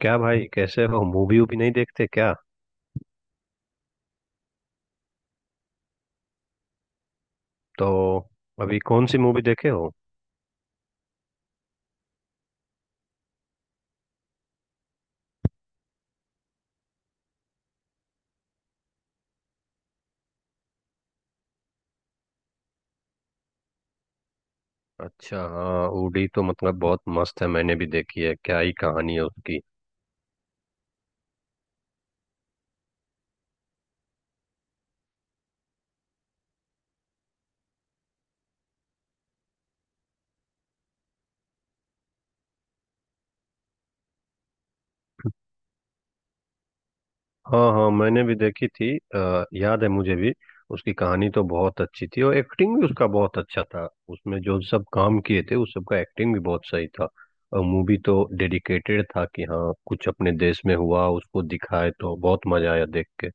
क्या भाई, कैसे हो? मूवी वूवी नहीं देखते क्या? तो अभी कौन सी मूवी देखे हो? अच्छा हाँ, उड़ी तो मतलब बहुत मस्त है। मैंने भी देखी है। क्या ही कहानी है उसकी। हाँ हाँ, मैंने भी देखी थी। याद है मुझे भी। उसकी कहानी तो बहुत अच्छी थी और एक्टिंग भी उसका बहुत अच्छा था। उसमें जो सब काम किए थे, उस सब का एक्टिंग भी बहुत सही था। और मूवी तो डेडिकेटेड था कि हाँ, कुछ अपने देश में हुआ उसको दिखाए, तो बहुत मजा आया देख के।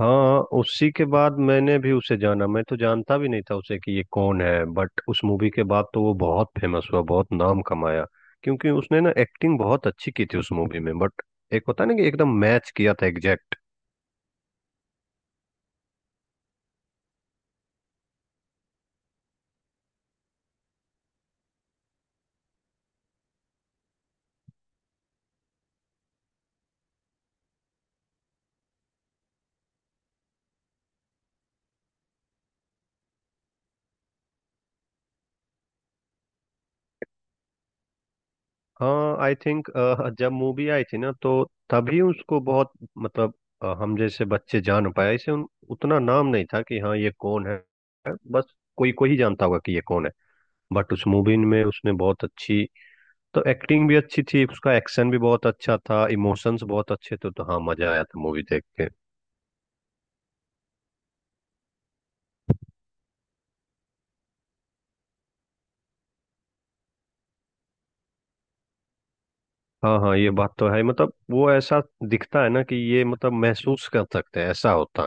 हाँ, उसी के बाद मैंने भी उसे जाना। मैं तो जानता भी नहीं था उसे कि ये कौन है, बट उस मूवी के बाद तो वो बहुत फेमस हुआ, बहुत नाम कमाया। क्योंकि उसने ना एक्टिंग बहुत अच्छी की थी उस मूवी में। बट एक होता है ना कि एकदम मैच किया था एग्जैक्ट। हाँ, आई थिंक जब मूवी आई थी ना, तो तभी उसको बहुत मतलब हम जैसे बच्चे जान पाए इसे। उतना नाम नहीं था कि हाँ ये कौन है। बस कोई कोई ही जानता होगा कि ये कौन है। बट उस मूवी में उसने बहुत अच्छी तो एक्टिंग भी अच्छी थी, उसका एक्शन भी बहुत अच्छा था, इमोशंस बहुत अच्छे थे। तो हाँ, मजा आया था मूवी देख के। हाँ हाँ, ये बात तो है। मतलब वो ऐसा दिखता है ना कि ये मतलब महसूस कर सकते हैं ऐसा होता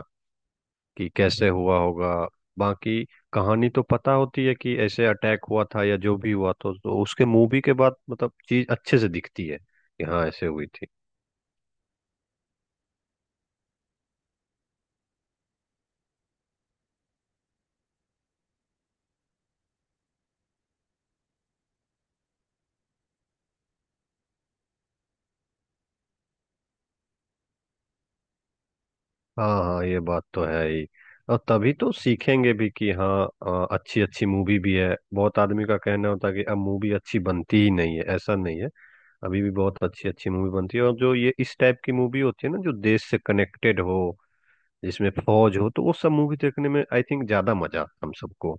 कि कैसे हुआ होगा। बाकी कहानी तो पता होती है कि ऐसे अटैक हुआ था या जो भी हुआ, तो उसके मूवी के बाद मतलब चीज अच्छे से दिखती है कि हाँ ऐसे हुई थी। हाँ हाँ, ये बात तो है ही। और तभी तो सीखेंगे भी कि हाँ, अच्छी अच्छी मूवी भी है। बहुत आदमी का कहना होता है कि अब मूवी अच्छी बनती ही नहीं है, ऐसा नहीं है। अभी भी बहुत अच्छी अच्छी मूवी बनती है। और जो ये इस टाइप की मूवी होती है ना, जो देश से कनेक्टेड हो, जिसमें फौज हो, तो वो सब मूवी देखने में आई थिंक ज्यादा मजा आता है हम सबको।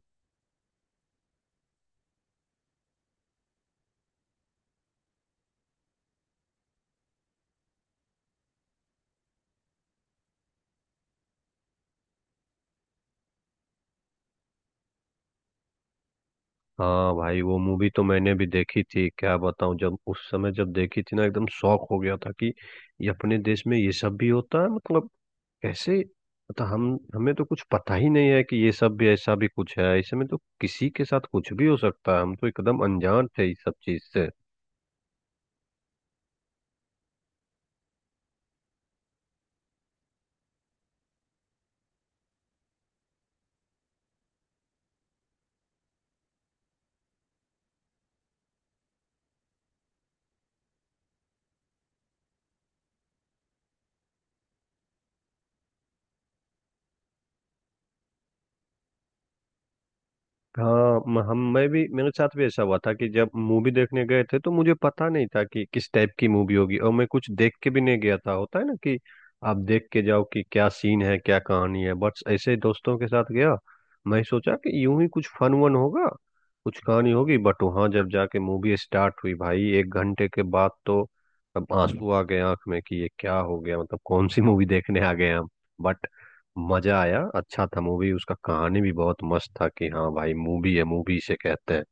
हाँ भाई, वो मूवी तो मैंने भी देखी थी। क्या बताऊं, जब उस समय जब देखी थी ना, एकदम शौक हो गया था कि ये अपने देश में ये सब भी होता है। मतलब कैसे, मतलब हम हमें तो कुछ पता ही नहीं है कि ये सब भी ऐसा भी कुछ है। इसमें तो किसी के साथ कुछ भी हो सकता है। हम तो एकदम अनजान थे इस सब चीज से। हाँ, म- हम मैं भी, मेरे साथ भी ऐसा हुआ था कि जब मूवी देखने गए थे तो मुझे पता नहीं था कि किस टाइप की मूवी होगी। और मैं कुछ देख के भी नहीं गया था। होता है ना कि आप देख के जाओ कि क्या सीन है, क्या कहानी है। बस ऐसे ही दोस्तों के साथ गया। मैं सोचा कि यूं ही कुछ फन वन होगा, कुछ कहानी होगी। बट वहां जब जाके मूवी स्टार्ट हुई, भाई एक घंटे के बाद तो अब आंसू आ गए आंख में कि ये क्या हो गया, मतलब कौन सी मूवी देखने आ गए हम। बट मजा आया, अच्छा था मूवी। उसका कहानी भी बहुत मस्त था कि हाँ भाई, मूवी है, मूवी से कहते हैं।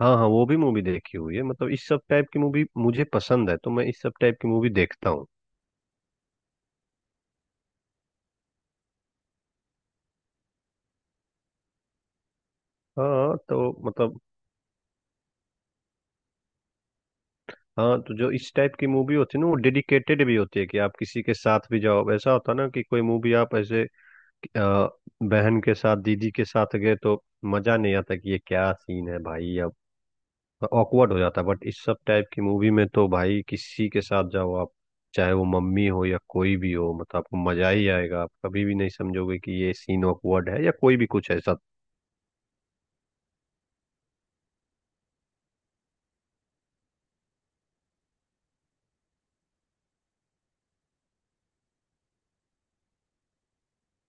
हाँ हाँ, वो भी मूवी देखी हुई है। मतलब इस सब टाइप की मूवी मुझे पसंद है, तो मैं इस सब टाइप की मूवी देखता हूँ। हाँ तो मतलब, हाँ तो जो इस टाइप की मूवी होती है ना, वो डेडिकेटेड भी होती है कि आप किसी के साथ भी जाओ। ऐसा होता ना कि कोई मूवी आप ऐसे अ, बहन के साथ, दीदी के साथ गए तो मजा नहीं आता कि ये क्या सीन है भाई, या ऑकवर्ड हो जाता है। बट इस सब टाइप की मूवी में तो भाई किसी के साथ जाओ आप, चाहे वो मम्मी हो या कोई भी हो, मतलब आपको मजा ही आएगा। आप कभी भी नहीं समझोगे कि ये सीन ऑकवर्ड है या कोई भी कुछ ऐसा।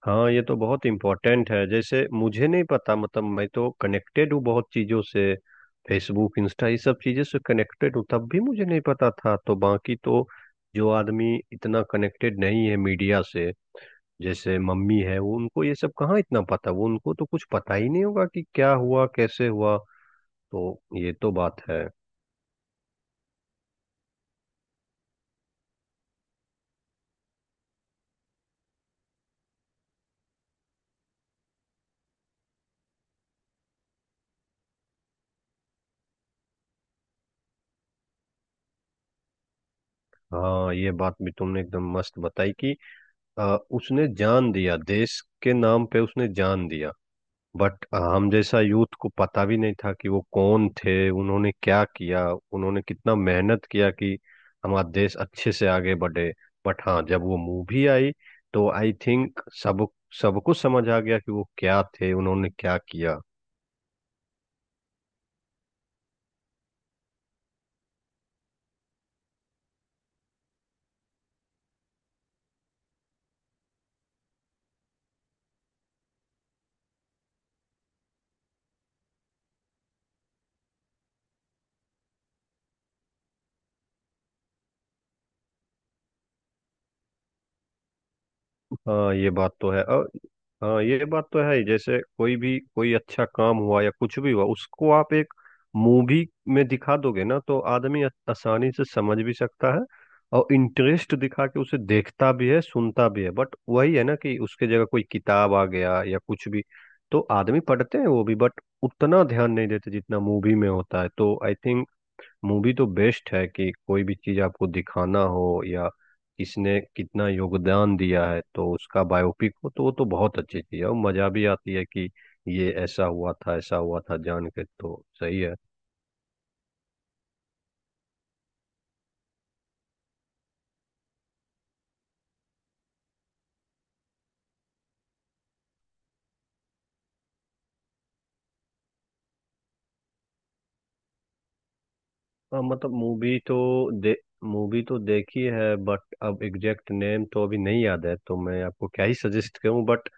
हाँ, ये तो बहुत इम्पोर्टेंट है। जैसे मुझे नहीं पता, मतलब मैं तो कनेक्टेड हूँ बहुत चीज़ों से, फेसबुक, इंस्टा, ये सब चीज़ों से कनेक्टेड हूँ, तब भी मुझे नहीं पता था। तो बाकी तो जो आदमी इतना कनेक्टेड नहीं है मीडिया से, जैसे मम्मी है, वो उनको ये सब कहाँ इतना पता। वो उनको तो कुछ पता ही नहीं होगा कि क्या हुआ, कैसे हुआ। तो ये तो बात है। हाँ, ये बात भी तुमने एकदम मस्त बताई कि उसने जान दिया देश के नाम पे, उसने जान दिया। बट हम जैसा यूथ को पता भी नहीं था कि वो कौन थे, उन्होंने क्या किया, उन्होंने कितना मेहनत किया कि हमारा देश अच्छे से आगे बढ़े। बट हाँ, जब वो मूवी आई तो आई थिंक सब सबको समझ आ गया कि वो क्या थे, उन्होंने क्या किया। हाँ ये बात तो है। और हाँ, ये बात तो है ही। जैसे कोई भी, कोई अच्छा काम हुआ या कुछ भी हुआ, उसको आप एक मूवी में दिखा दोगे ना, तो आदमी आसानी से समझ भी सकता है और इंटरेस्ट दिखा के उसे देखता भी है, सुनता भी है। बट वही है ना कि उसके जगह कोई किताब आ गया या कुछ भी, तो आदमी पढ़ते हैं वो भी, बट उतना ध्यान नहीं देते जितना मूवी में होता है। तो आई थिंक मूवी तो बेस्ट है कि कोई भी चीज आपको दिखाना हो या किसने कितना योगदान दिया है तो उसका बायोपिक हो, तो वो तो बहुत अच्छी चीज है। और मजा भी आती है कि ये ऐसा हुआ था, ऐसा हुआ था जान के तो सही है। हाँ मतलब, दे मूवी तो देखी है, बट अब एग्जैक्ट नेम तो अभी नहीं याद है, तो मैं आपको क्या ही सजेस्ट करूं। बट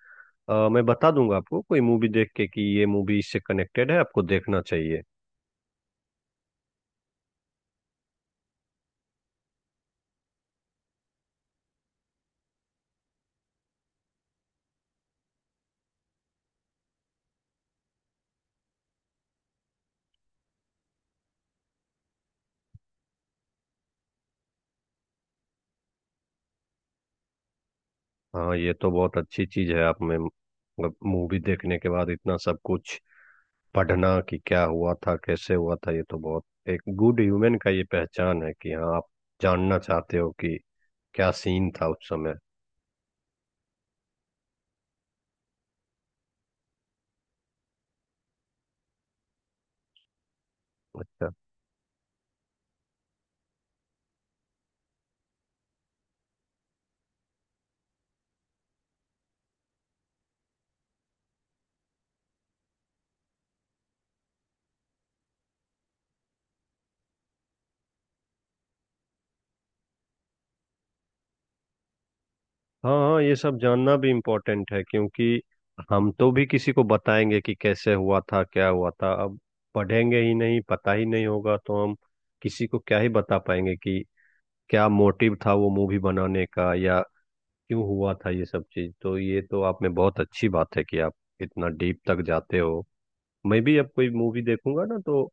मैं बता दूंगा आपको कोई मूवी देख के कि ये मूवी इससे कनेक्टेड है, आपको देखना चाहिए। हाँ, ये तो बहुत अच्छी चीज है आप में। मतलब मूवी देखने के बाद इतना सब कुछ पढ़ना कि क्या हुआ था, कैसे हुआ था, ये तो बहुत, एक गुड ह्यूमन का ये पहचान है कि हाँ आप जानना चाहते हो कि क्या सीन था उस समय। अच्छा। हाँ हाँ, ये सब जानना भी इम्पोर्टेंट है, क्योंकि हम तो भी किसी को बताएंगे कि कैसे हुआ था, क्या हुआ था। अब पढ़ेंगे ही नहीं, पता ही नहीं होगा, तो हम किसी को क्या ही बता पाएंगे कि क्या मोटिव था वो मूवी बनाने का या क्यों हुआ था ये सब चीज। तो ये तो आप में बहुत अच्छी बात है कि आप इतना डीप तक जाते हो। मैं भी अब कोई मूवी देखूंगा ना, तो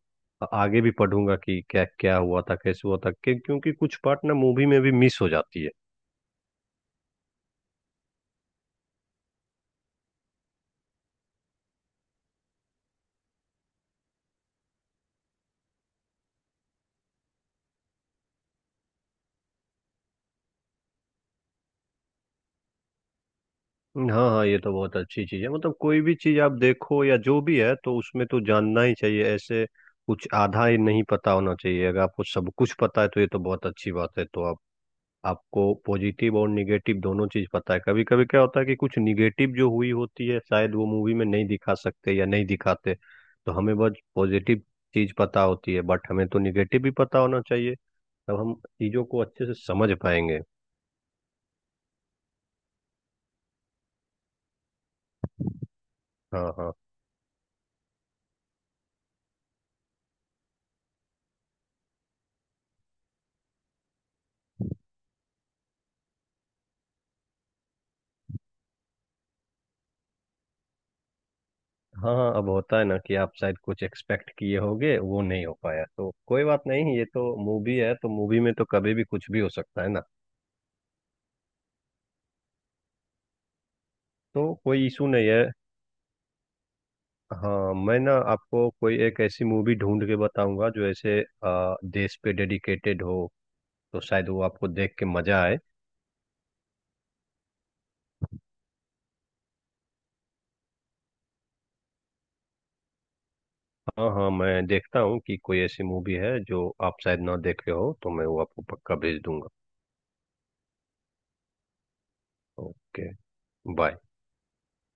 आगे भी पढ़ूंगा कि क्या क्या हुआ था, कैसे हुआ था। क्योंकि कुछ पार्ट ना मूवी में भी मिस हो जाती है। हाँ हाँ, ये तो बहुत अच्छी चीज है। मतलब कोई भी चीज आप देखो या जो भी है, तो उसमें तो जानना ही चाहिए ऐसे। कुछ आधा ही नहीं पता होना चाहिए। अगर आपको सब कुछ पता है तो ये तो बहुत अच्छी बात है। तो आप आपको पॉजिटिव और निगेटिव दोनों चीज पता है। कभी कभी क्या होता है कि कुछ निगेटिव जो हुई होती है, शायद वो मूवी में नहीं दिखा सकते या नहीं दिखाते, तो हमें बस पॉजिटिव चीज पता होती है। बट हमें तो निगेटिव भी पता होना चाहिए, तब हम चीजों को अच्छे से समझ पाएंगे। हाँ हाँ। हाँ हाँ, अब होता है ना कि आप शायद कुछ एक्सपेक्ट किए होगे, वो नहीं हो पाया, तो कोई बात नहीं। ये तो मूवी है, तो मूवी में तो कभी भी कुछ भी हो सकता है ना। तो कोई इशू नहीं है। हाँ मैं ना आपको कोई एक ऐसी मूवी ढूंढ के बताऊंगा जो ऐसे देश पे डेडिकेटेड हो, तो शायद वो आपको देख के मजा आए। हाँ हाँ, मैं देखता हूँ कि कोई ऐसी मूवी है जो आप शायद ना देखे हो, तो मैं वो आपको पक्का भेज दूंगा। ओके। बाय।